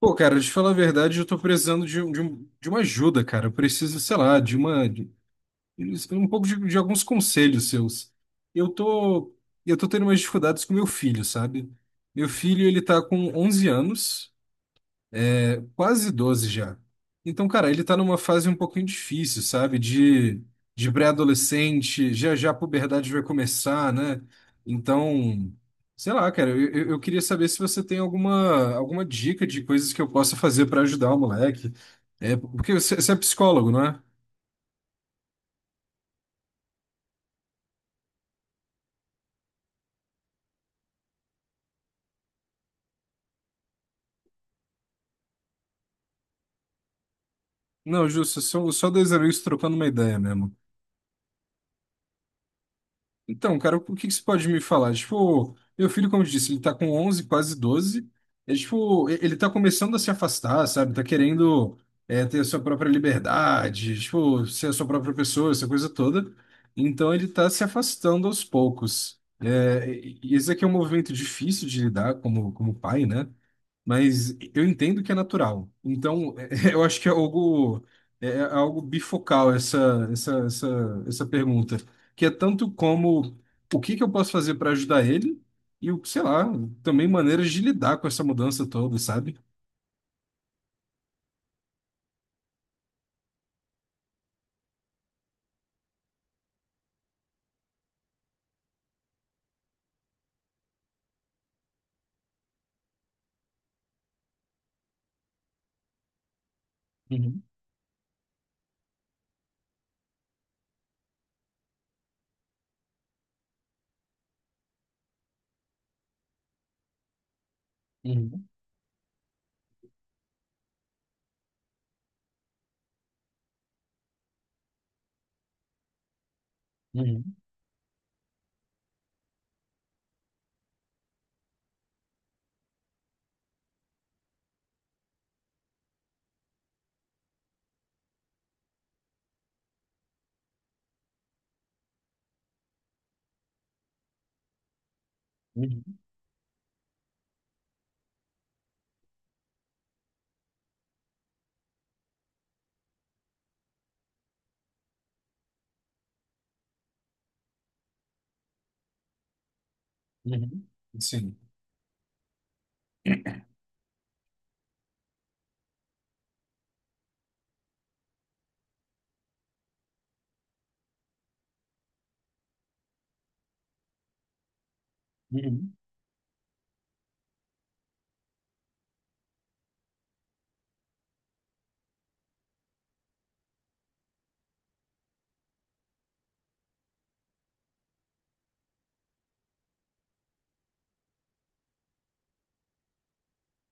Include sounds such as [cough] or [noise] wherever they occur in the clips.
Pô, cara, de falar a verdade, eu tô precisando de uma ajuda, cara. Eu preciso, sei lá, um pouco de alguns conselhos seus. Eu tô, eu tô tendo umas dificuldades com meu filho, sabe? Meu filho, ele tá com 11 anos. Quase 12 já. Então, cara, ele tá numa fase um pouquinho difícil, sabe? De pré-adolescente, já já a puberdade vai começar, né? Então, sei lá, cara, eu queria saber se você tem alguma dica de coisas que eu possa fazer pra ajudar o moleque. É, porque você é psicólogo, não é? Não, justo, só dois amigos trocando uma ideia mesmo. Então, cara, o que que você pode me falar? Tipo, meu filho, como eu disse, ele tá com 11 quase 12. É, tipo, ele tá começando a se afastar, sabe? Tá querendo é, ter a sua própria liberdade, tipo, ser a sua própria pessoa, essa coisa toda. Então, ele tá se afastando aos poucos. É, e esse aqui é um movimento difícil de lidar como, como pai, né? Mas eu entendo que é natural. Então, [laughs] eu acho que é algo, é algo bifocal essa pergunta, que é tanto como o que que eu posso fazer para ajudar ele e, sei lá, também maneiras de lidar com essa mudança toda, sabe? Uhum, uhum, uhum, uhum, uhum, sim, uhum,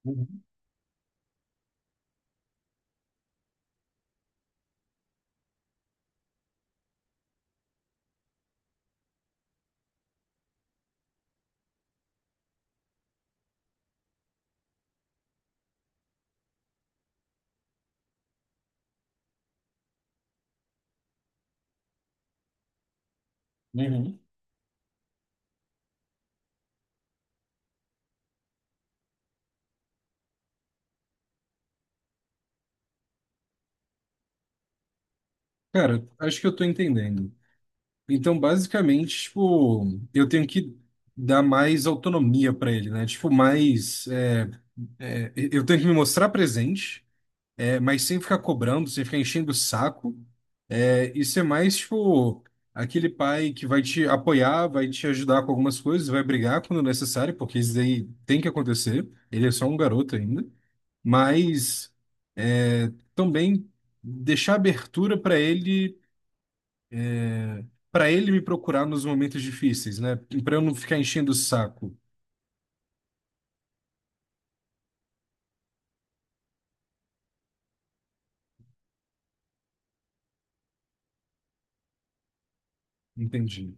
uhum, uhum. Cara, acho que eu tô entendendo. Então, basicamente, tipo, eu tenho que dar mais autonomia para ele, né? Tipo, mais, é, é, eu tenho que me mostrar presente. É, mas sem ficar cobrando, sem ficar enchendo o saco. É, e ser mais, tipo, aquele pai que vai te apoiar, vai te ajudar com algumas coisas, vai brigar quando necessário, porque isso daí tem que acontecer. Ele é só um garoto ainda. Mas é, também deixar abertura para ele me procurar nos momentos difíceis, né? Para eu não ficar enchendo o saco. Entendi.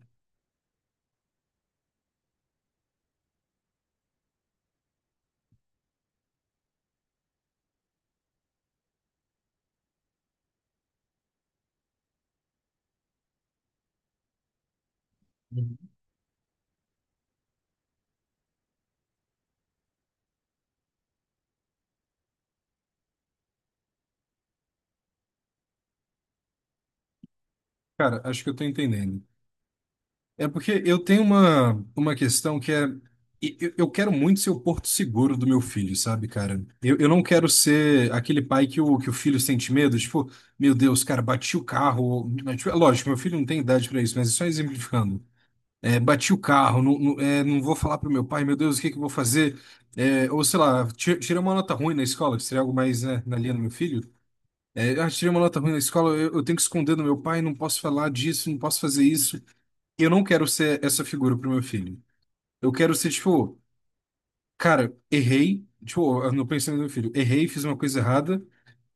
Cara, acho que eu tô entendendo. É porque eu tenho uma questão que é. Eu quero muito ser o porto seguro do meu filho, sabe, cara? Eu não quero ser aquele pai que que o filho sente medo, tipo, meu Deus, cara, bati o carro, né? Tipo, é lógico, meu filho não tem idade pra isso, mas é só exemplificando. É, bati o carro, não, não, é, não vou falar pro meu pai, meu Deus, o que que eu vou fazer? É, ou sei lá, tirei uma nota ruim na escola, que seria algo mais, né, na linha do meu filho. É, ah, tirei uma nota ruim na escola, eu tenho que esconder do meu pai, não posso falar disso, não posso fazer isso. Eu não quero ser essa figura pro meu filho. Eu quero ser, tipo, cara, errei, tipo, eu não pensei no meu filho, errei, fiz uma coisa errada,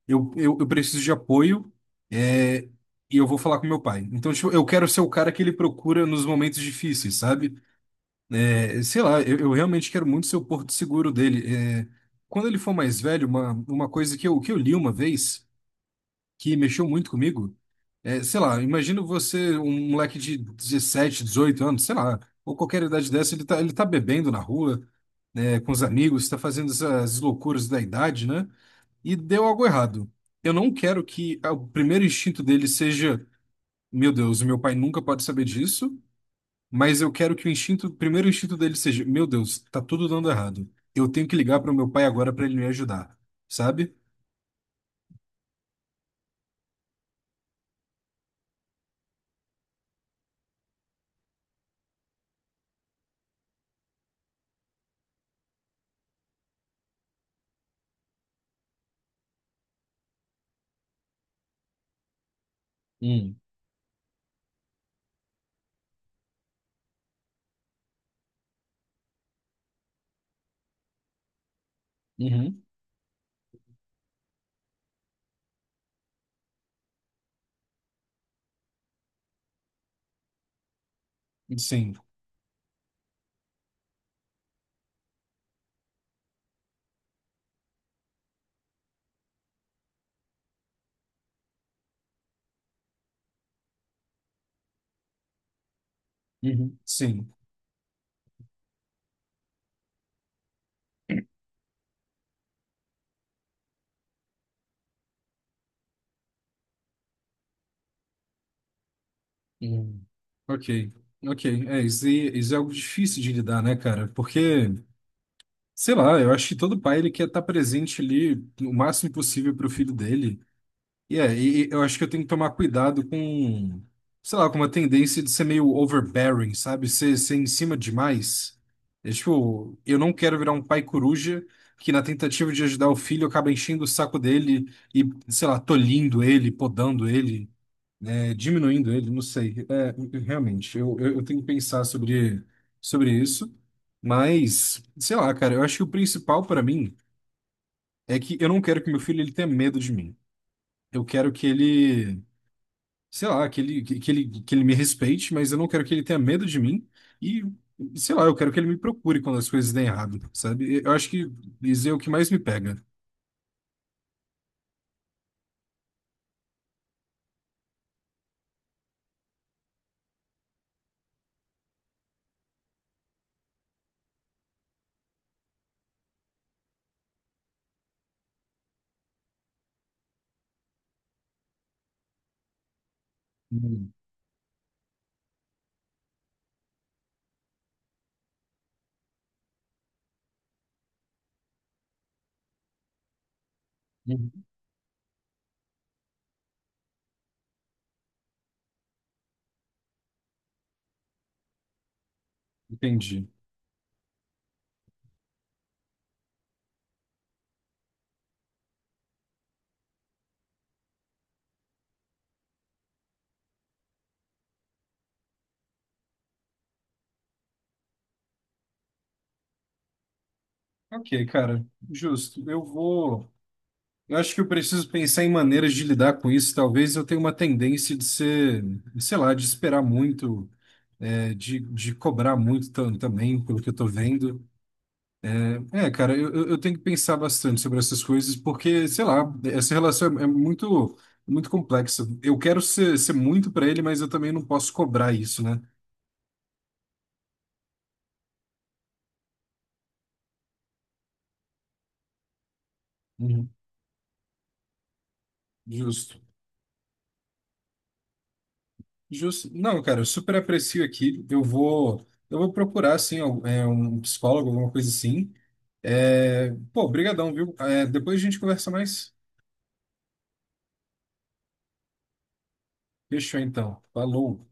eu preciso de apoio, é, e eu vou falar com meu pai. Então, tipo, eu quero ser o cara que ele procura nos momentos difíceis, sabe? É, sei lá, eu realmente quero muito ser o porto seguro dele. É, quando ele for mais velho, uma coisa que eu li uma vez que mexeu muito comigo. É, sei lá, imagino você, um moleque de 17, 18 anos, sei lá, ou qualquer idade dessa, ele tá bebendo na rua, né, com os amigos, tá fazendo essas loucuras da idade, né? E deu algo errado. Eu não quero que ah, o primeiro instinto dele seja, meu Deus, meu pai nunca pode saber disso, mas eu quero que o primeiro instinto dele seja, meu Deus, tá tudo dando errado. Eu tenho que ligar para o meu pai agora para ele me ajudar, sabe? Hum, uhum, sim, uhum. Sim. Hum. Ok, ok. É, isso, isso é algo difícil de lidar, né, cara? Porque, sei lá, eu acho que todo pai ele quer estar presente ali o máximo possível para o filho dele. E é, e eu acho que eu tenho que tomar cuidado com, sei lá, com uma tendência de ser meio overbearing, sabe? Ser em cima demais. É, tipo, eu não quero virar um pai coruja que, na tentativa de ajudar o filho, acaba enchendo o saco dele e, sei lá, tolhindo ele, podando ele. É, diminuindo ele, não sei. É, realmente, eu tenho que pensar sobre, sobre isso. Mas, sei lá, cara, eu acho que o principal para mim é que eu não quero que meu filho ele tenha medo de mim. Eu quero que ele, sei lá, que ele me respeite, mas eu não quero que ele tenha medo de mim. E, sei lá, eu quero que ele me procure quando as coisas dêem errado, sabe? Eu acho que isso é o que mais me pega. Hum, hum, Entendi. Ok, cara, justo. Eu vou. Eu acho que eu preciso pensar em maneiras de lidar com isso. Talvez eu tenha uma tendência de ser, sei lá, de esperar muito, é, de cobrar muito também, pelo que eu tô vendo. É, cara, eu tenho que pensar bastante sobre essas coisas, porque, sei lá, essa relação é, é muito, muito complexa. Eu quero ser, ser muito para ele, mas eu também não posso cobrar isso, né? Uhum. Justo. Justo. Não, cara, eu super aprecio aqui. Eu vou procurar, assim, é, um psicólogo, alguma coisa assim. É, pô, brigadão, viu? É, depois a gente conversa mais. Fechou, então. Falou.